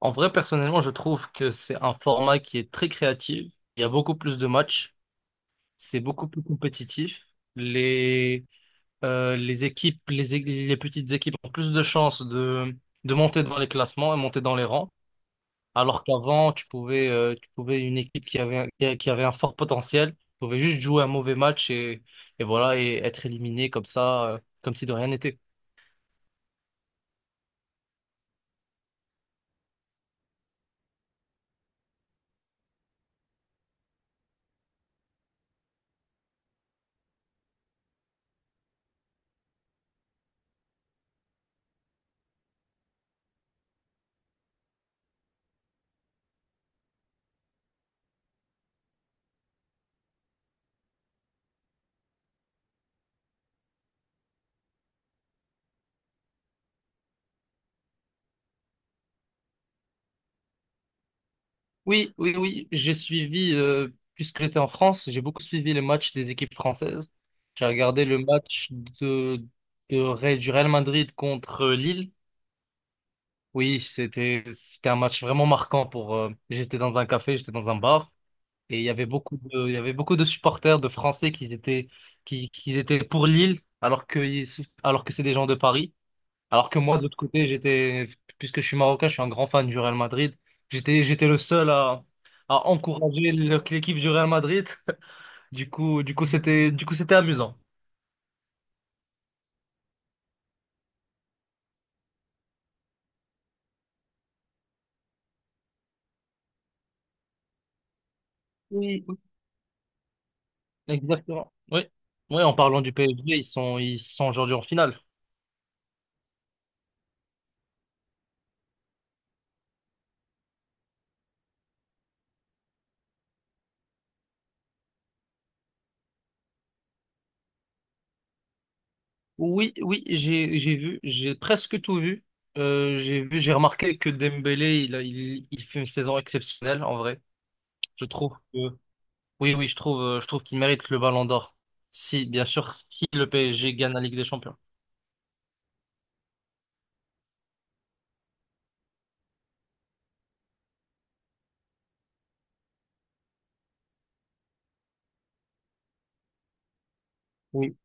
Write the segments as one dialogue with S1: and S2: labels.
S1: En vrai, personnellement, je trouve que c'est un format qui est très créatif. Il y a beaucoup plus de matchs. C'est beaucoup plus compétitif. Les, euh, les équipes, les, é- les petites équipes ont plus de chances de monter dans les classements et monter dans les rangs. Alors qu'avant, tu pouvais une équipe qui avait un fort potentiel, pouvait juste jouer un mauvais match et voilà, et être éliminé comme ça, comme si de rien n'était. Oui, oui, oui, j'ai suivi, puisque j'étais en France, j'ai beaucoup suivi les matchs des équipes françaises. J'ai regardé le match du Real Madrid contre Lille. Oui, c'était un match vraiment marquant. J'étais dans un café, j'étais dans un bar, et il y avait beaucoup de supporters de Français qui étaient pour Lille, alors que c'est des gens de Paris. Alors que moi, de l'autre côté, puisque je suis marocain, je suis un grand fan du Real Madrid. J'étais le seul à encourager l'équipe du Real Madrid. Du coup, c'était amusant. Oui. Exactement. Oui. Oui, en parlant du PSG, ils sont aujourd'hui en finale. Oui, oui, j'ai vu, j'ai presque tout vu. J'ai remarqué que Dembélé, il fait une saison exceptionnelle, en vrai. Je trouve. Que. Oui, oui, je trouve qu'il mérite le Ballon d'Or. Si, bien sûr, si le PSG gagne la Ligue des Champions. Oui.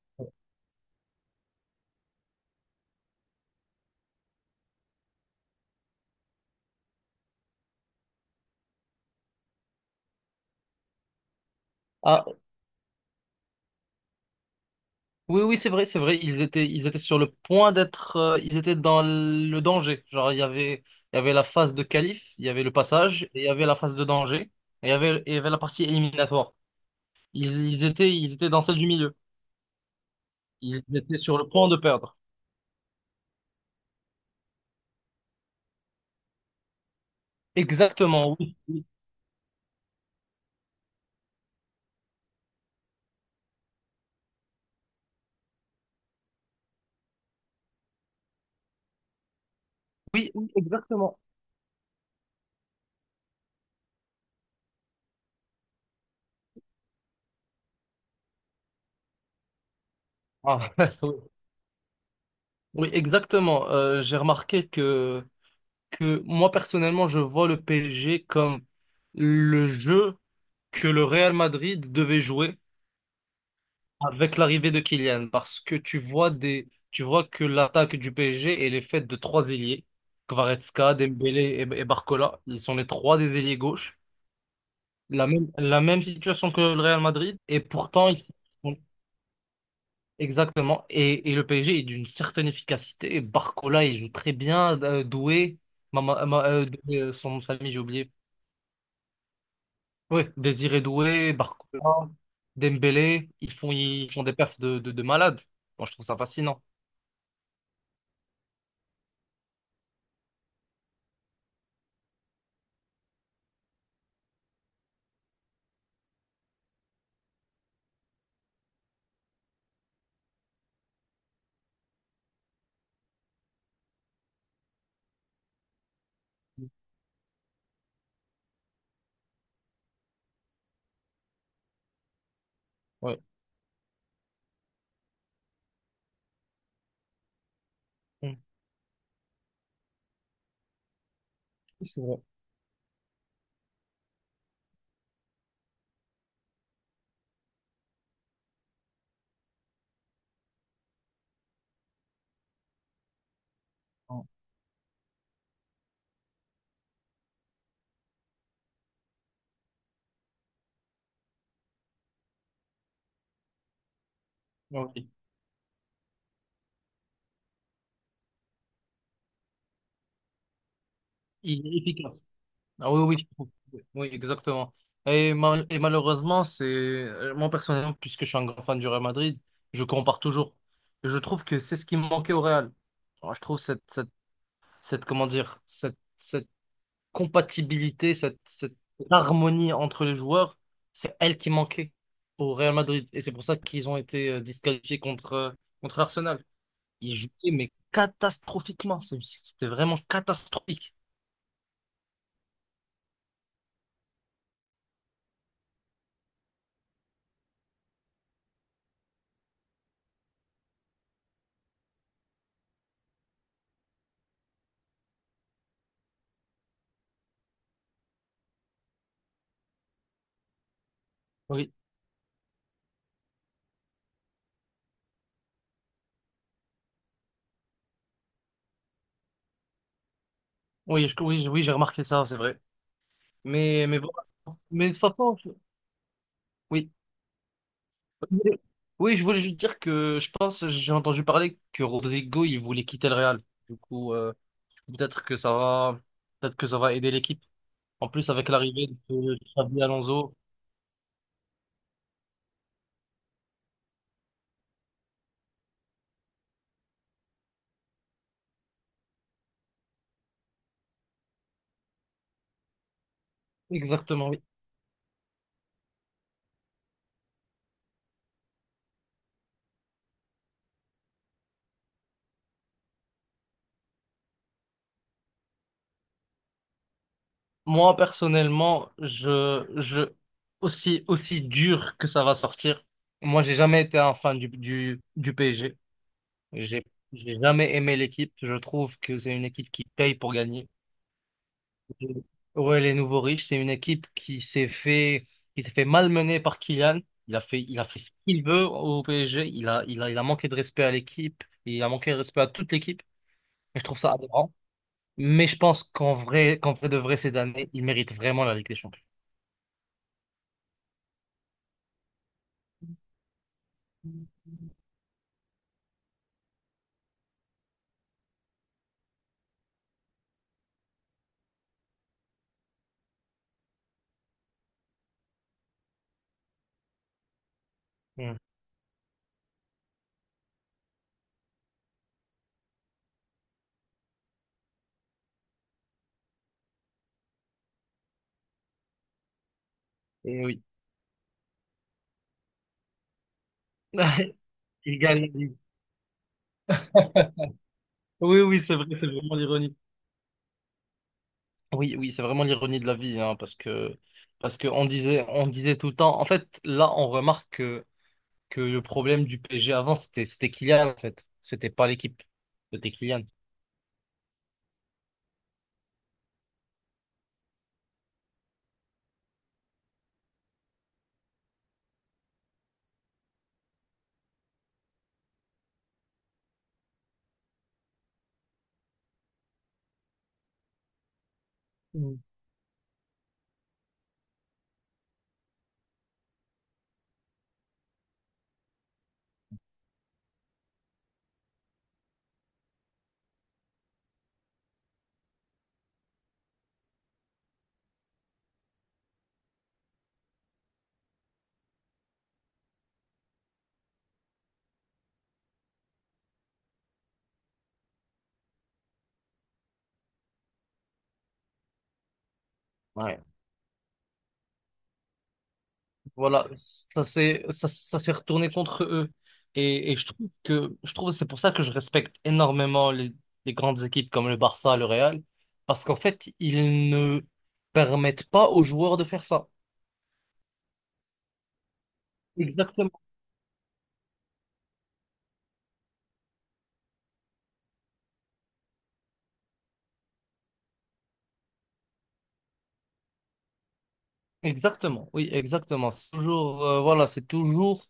S1: Ah, oui, oui, c'est vrai, c'est vrai. Ils étaient sur le point d'être, Ils étaient dans le danger. Genre, il y avait la phase de qualif, il y avait le passage, et il y avait la phase de danger, et il y avait la partie éliminatoire. Ils étaient dans celle du milieu. Ils étaient sur le point de perdre. Exactement, oui, oui, oui, oui, exactement. Ah, oui, exactement. J'ai remarqué que moi personnellement, je vois le PSG comme le jeu que le Real Madrid devait jouer avec l'arrivée de Kylian, parce que tu vois que l'attaque du PSG elle est faite de trois ailiers, Kvaratskhelia, Dembélé et Barcola. Ils sont les trois des ailiers gauche. La même situation que le Real Madrid, et pourtant ils sont exactement. Et le PSG est d'une certaine efficacité. Barcola il joue très bien, Doué, Doué, son nom de famille j'ai oublié. Ouais, Désiré Doué, Barcola, Dembélé, ils font des perfs de malades. Moi, je trouve ça fascinant. Ouais. Mm. C'est vrai. Ah, ok. Il est efficace. Ah oui, oui, je trouve. Oui, exactement. Et malheureusement, c'est moi personnellement, puisque je suis un grand fan du Real Madrid, je compare toujours. Et je trouve que c'est ce qui me manquait au Real. Alors, je trouve cette, comment dire, cette compatibilité, cette harmonie entre les joueurs, c'est elle qui manquait au Real Madrid. Et c'est pour ça qu'ils ont été disqualifiés contre Arsenal. Ils jouaient, mais catastrophiquement. C'était vraiment catastrophique. Oui, oui, oui, oui, j'ai remarqué ça, c'est vrai. Mais voilà. Mais de toute façon, oui. Oui, je voulais juste dire que je pense, j'ai entendu parler que Rodrigo, il voulait quitter le Real. Du coup, peut-être que ça va, peut-être que ça va aider l'équipe. En plus, avec l'arrivée de Xavi Alonso, exactement, oui. Moi, personnellement, aussi, aussi dur que ça va sortir, moi, j'ai jamais été un fan du PSG. J'ai, j'ai jamais aimé l'équipe. Je trouve que c'est une équipe qui paye pour gagner. Ouais, les nouveaux riches, c'est une équipe qui s'est fait malmener par Kylian. Il a fait ce qu'il veut au PSG. Il a manqué de respect à l'équipe. Il a manqué de respect à toute l'équipe. Et je trouve ça aberrant. Mais je pense qu'en vrai de vrai, cette année, il mérite vraiment la Ligue des Champions. Hmm. Et oui. Il gagne. Oui, oui, c'est vrai, c'est vraiment l'ironie. Oui, oui, c'est vraiment l'ironie de la vie, hein, parce que on disait tout le temps. En fait, là, on remarque que le problème du PSG avant, c'était Kylian, en fait. C'était pas l'équipe, c'était Kylian. Hmm. Ouais. Voilà, ça s'est retourné contre eux. Et je trouve que c'est pour ça que je respecte énormément les grandes équipes comme le Barça, le Real, parce qu'en fait, ils ne permettent pas aux joueurs de faire ça. Exactement. Exactement, oui, exactement. Voilà, c'est toujours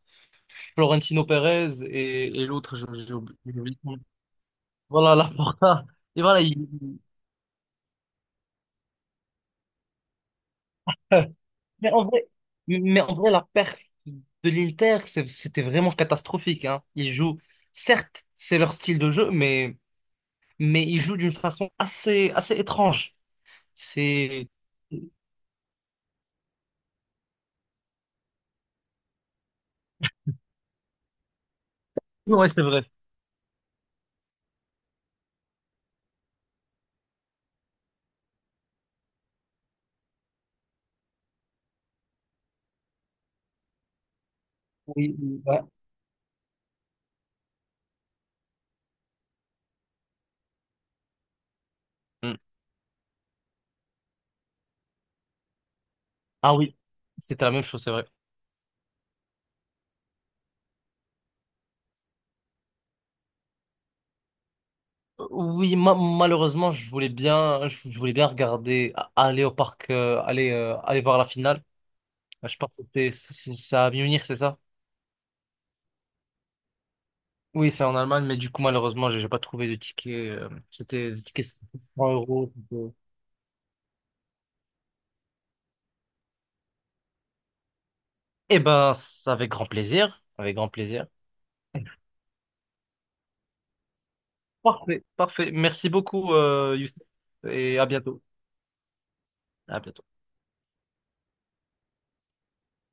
S1: Florentino Pérez et l'autre, j'ai oublié son nom. Voilà, Laporta. Et voilà, Mais en vrai, mais en vrai, la perte de l'Inter, c'était vraiment catastrophique, hein. Ils jouent, certes, c'est leur style de jeu, mais ils jouent d'une façon assez, assez étrange. C'est, ouais, c'est vrai. Oui, oui, ouais. Mm. Ah oui, c'était la même chose, c'est vrai. Oui, malheureusement, je voulais bien regarder, aller au parc, aller voir la finale. Je pense que c'est à Munich, c'est ça? Oui, c'est en Allemagne, mais du coup, malheureusement, j'ai pas trouvé de ticket. C'était des tickets 100 euros. Eh ben, c'est avec grand plaisir. Avec grand plaisir. Parfait, parfait. Merci beaucoup, Youssef. Et à bientôt. À bientôt.